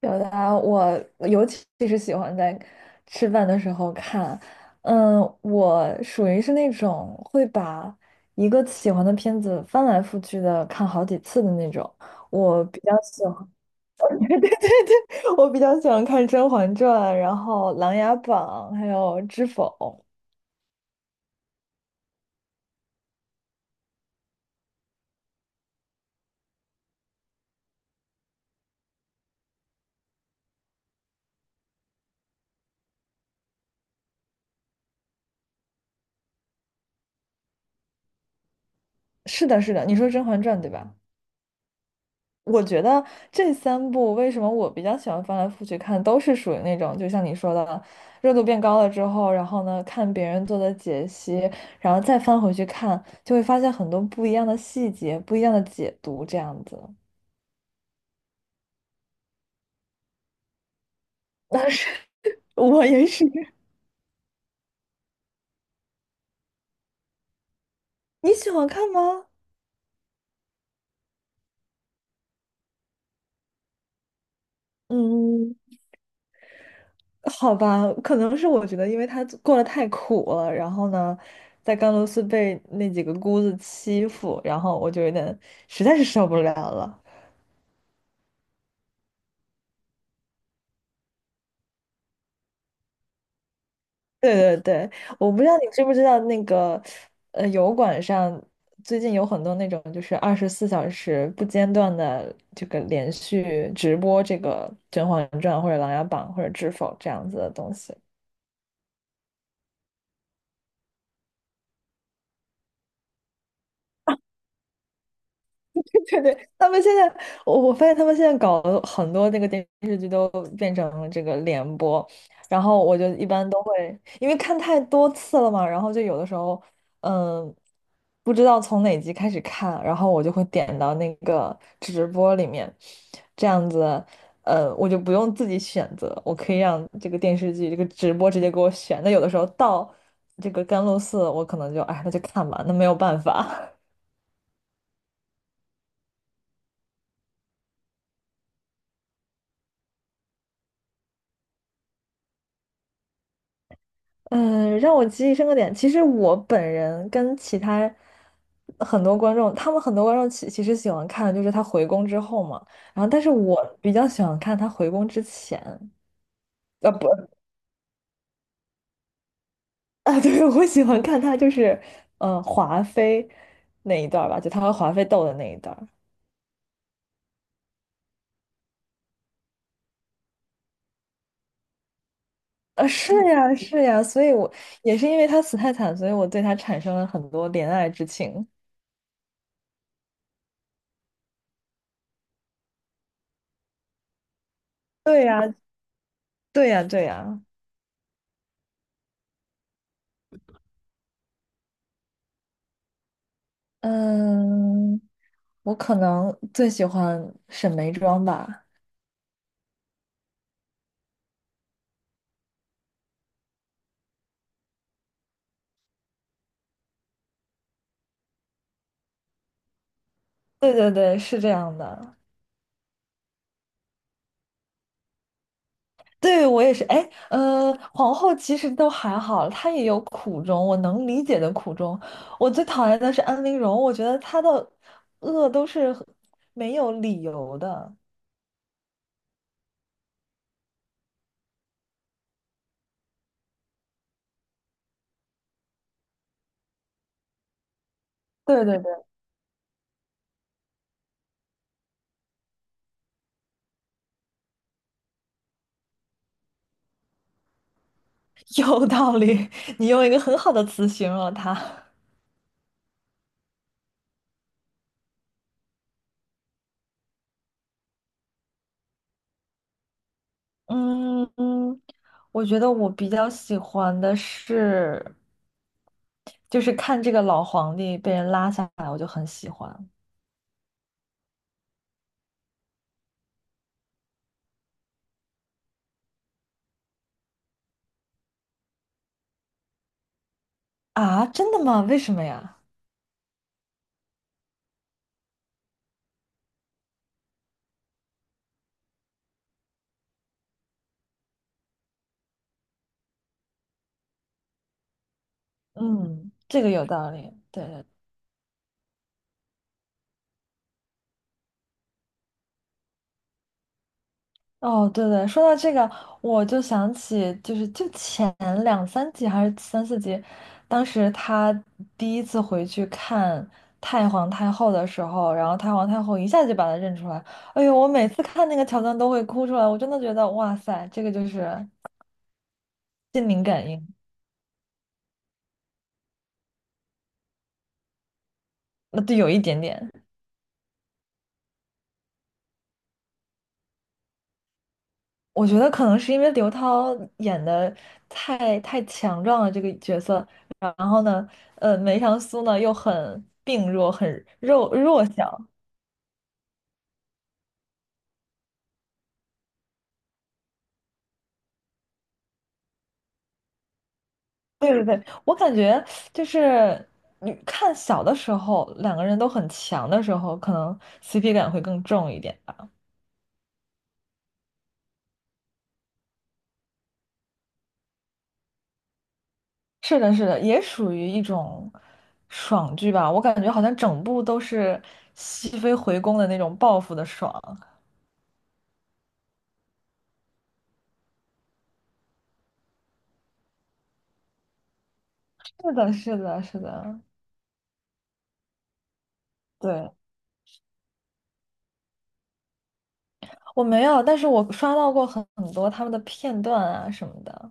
表达我尤其是喜欢在吃饭的时候看，嗯，我属于是那种会把一个喜欢的片子翻来覆去的看好几次的那种。我比较喜欢，对对对，我比较喜欢看《甄嬛传》，然后《琅琊榜》，还有《知否》。是的，是的，你说《甄嬛传》对吧？我觉得这三部为什么我比较喜欢翻来覆去看，都是属于那种，就像你说的，热度变高了之后，然后呢，看别人做的解析，然后再翻回去看，就会发现很多不一样的细节、不一样的解读，这样子。但是我也是，你喜欢看吗？嗯，好吧，可能是我觉得，因为他过得太苦了，然后呢，在甘露寺被那几个姑子欺负，然后我就有点实在是受不了了。对对对，我不知道你知不知道那个，油管上最近有很多那种就是24小时不间断的这个连续直播这个《甄嬛传》或者《琅琊榜》或者《知否》这样子的东西。对对，他们现在，我发现他们现在搞的很多那个电视剧都变成了这个联播，然后我就一般都会，因为看太多次了嘛，然后就有的时候，嗯，不知道从哪集开始看，然后我就会点到那个直播里面，这样子，我就不用自己选择，我可以让这个电视剧这个直播直接给我选。那有的时候到这个甘露寺，我可能就，哎，那就看吧，那没有办法。嗯，让我记忆深刻点。其实我本人跟其他很多观众，他们很多观众其实喜欢看，就是他回宫之后嘛。然后，但是我比较喜欢看他回宫之前，不，啊，对，我喜欢看他就是，嗯、华妃那一段儿吧，就他和华妃斗的那一段儿。啊，是呀，是呀，所以我也是因为他死太惨，所以我对他产生了很多怜爱之情。对呀，对呀，对呀。嗯，我可能最喜欢沈眉庄吧。对对对，是这样的。对，我也是。哎，皇后其实都还好，她也有苦衷，我能理解的苦衷。我最讨厌的是安陵容，我觉得她的恶都是很没有理由的。对对对，有道理，你用一个很好的词形容了她。嗯嗯，我觉得我比较喜欢的是。就是看这个老皇帝被人拉下来，我就很喜欢啊！真的吗？为什么呀？嗯，这个有道理。对对，哦，对对，说到这个，我就想起，就是就前2、3集还是3、4集，当时他第一次回去看太皇太后的时候，然后太皇太后一下就把他认出来。哎呦，我每次看那个桥段都会哭出来，我真的觉得哇塞，这个就是心灵感应，那对，有一点点。我觉得可能是因为刘涛演的太强壮了这个角色，然后呢，梅长苏呢又很病弱，很弱小。对对对，我感觉就是你看小的时候，两个人都很强的时候，可能 CP 感会更重一点吧。是的，是的，也属于一种爽剧吧。我感觉好像整部都是熹妃回宫的那种报复的爽。是的，是的，是的，对。我没有，但是我刷到过很多他们的片段啊什么的。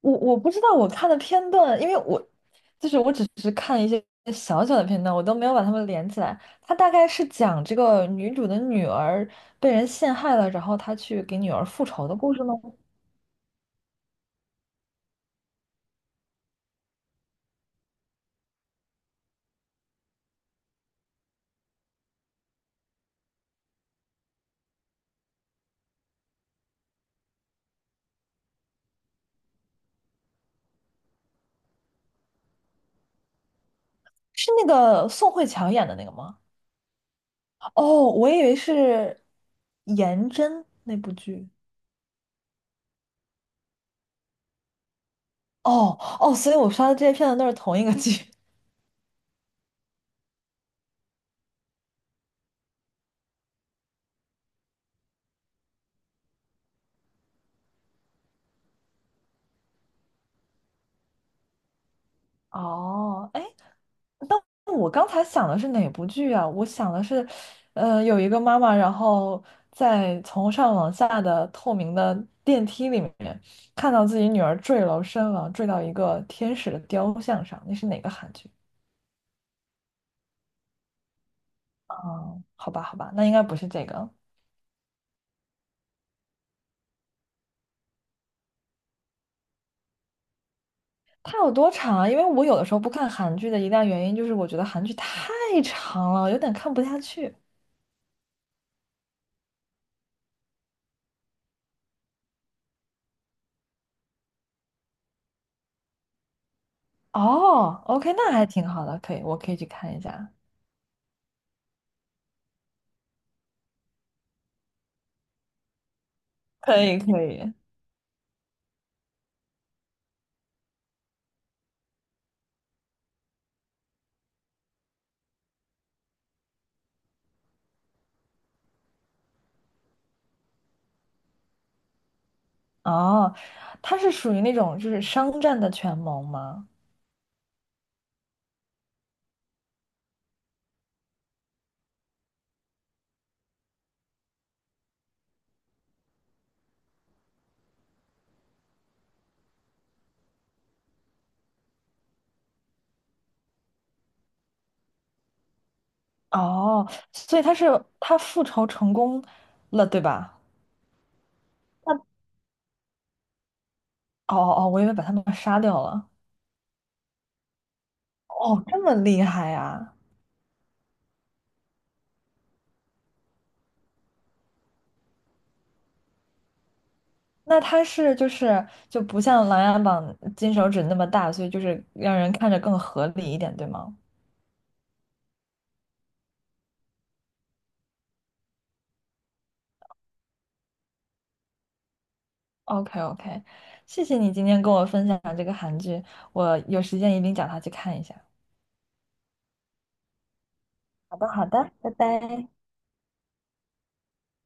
我不知道我看的片段，因为我就是我只是看一些小小的片段，我都没有把它们连起来。它大概是讲这个女主的女儿被人陷害了，然后她去给女儿复仇的故事吗？是那个宋慧乔演的那个吗？哦，我以为是颜真那部剧。哦哦，所以我刷的这些片段都是同一个剧。哦，哎，但我刚才想的是哪部剧啊？我想的是，有一个妈妈，然后在从上往下的透明的电梯里面，看到自己女儿坠楼身亡，坠到一个天使的雕像上。那是哪个韩剧？啊、好吧，好吧，那应该不是这个。它有多长啊？因为我有的时候不看韩剧的一大原因就是我觉得韩剧太长了，有点看不下去。哦，OK，那还挺好的，可以，我可以去看一下。可以，可以。哦，他是属于那种就是商战的权谋吗？哦，所以他是他复仇成功了，对吧？哦哦，哦，我以为把他们杀掉了。哦，这么厉害呀？那他是就是就不像《琅琊榜》金手指那么大，所以就是让人看着更合理一点，对吗？OK OK，谢谢你今天跟我分享这个韩剧，我有时间一定找他去看一下。好的好的，拜拜。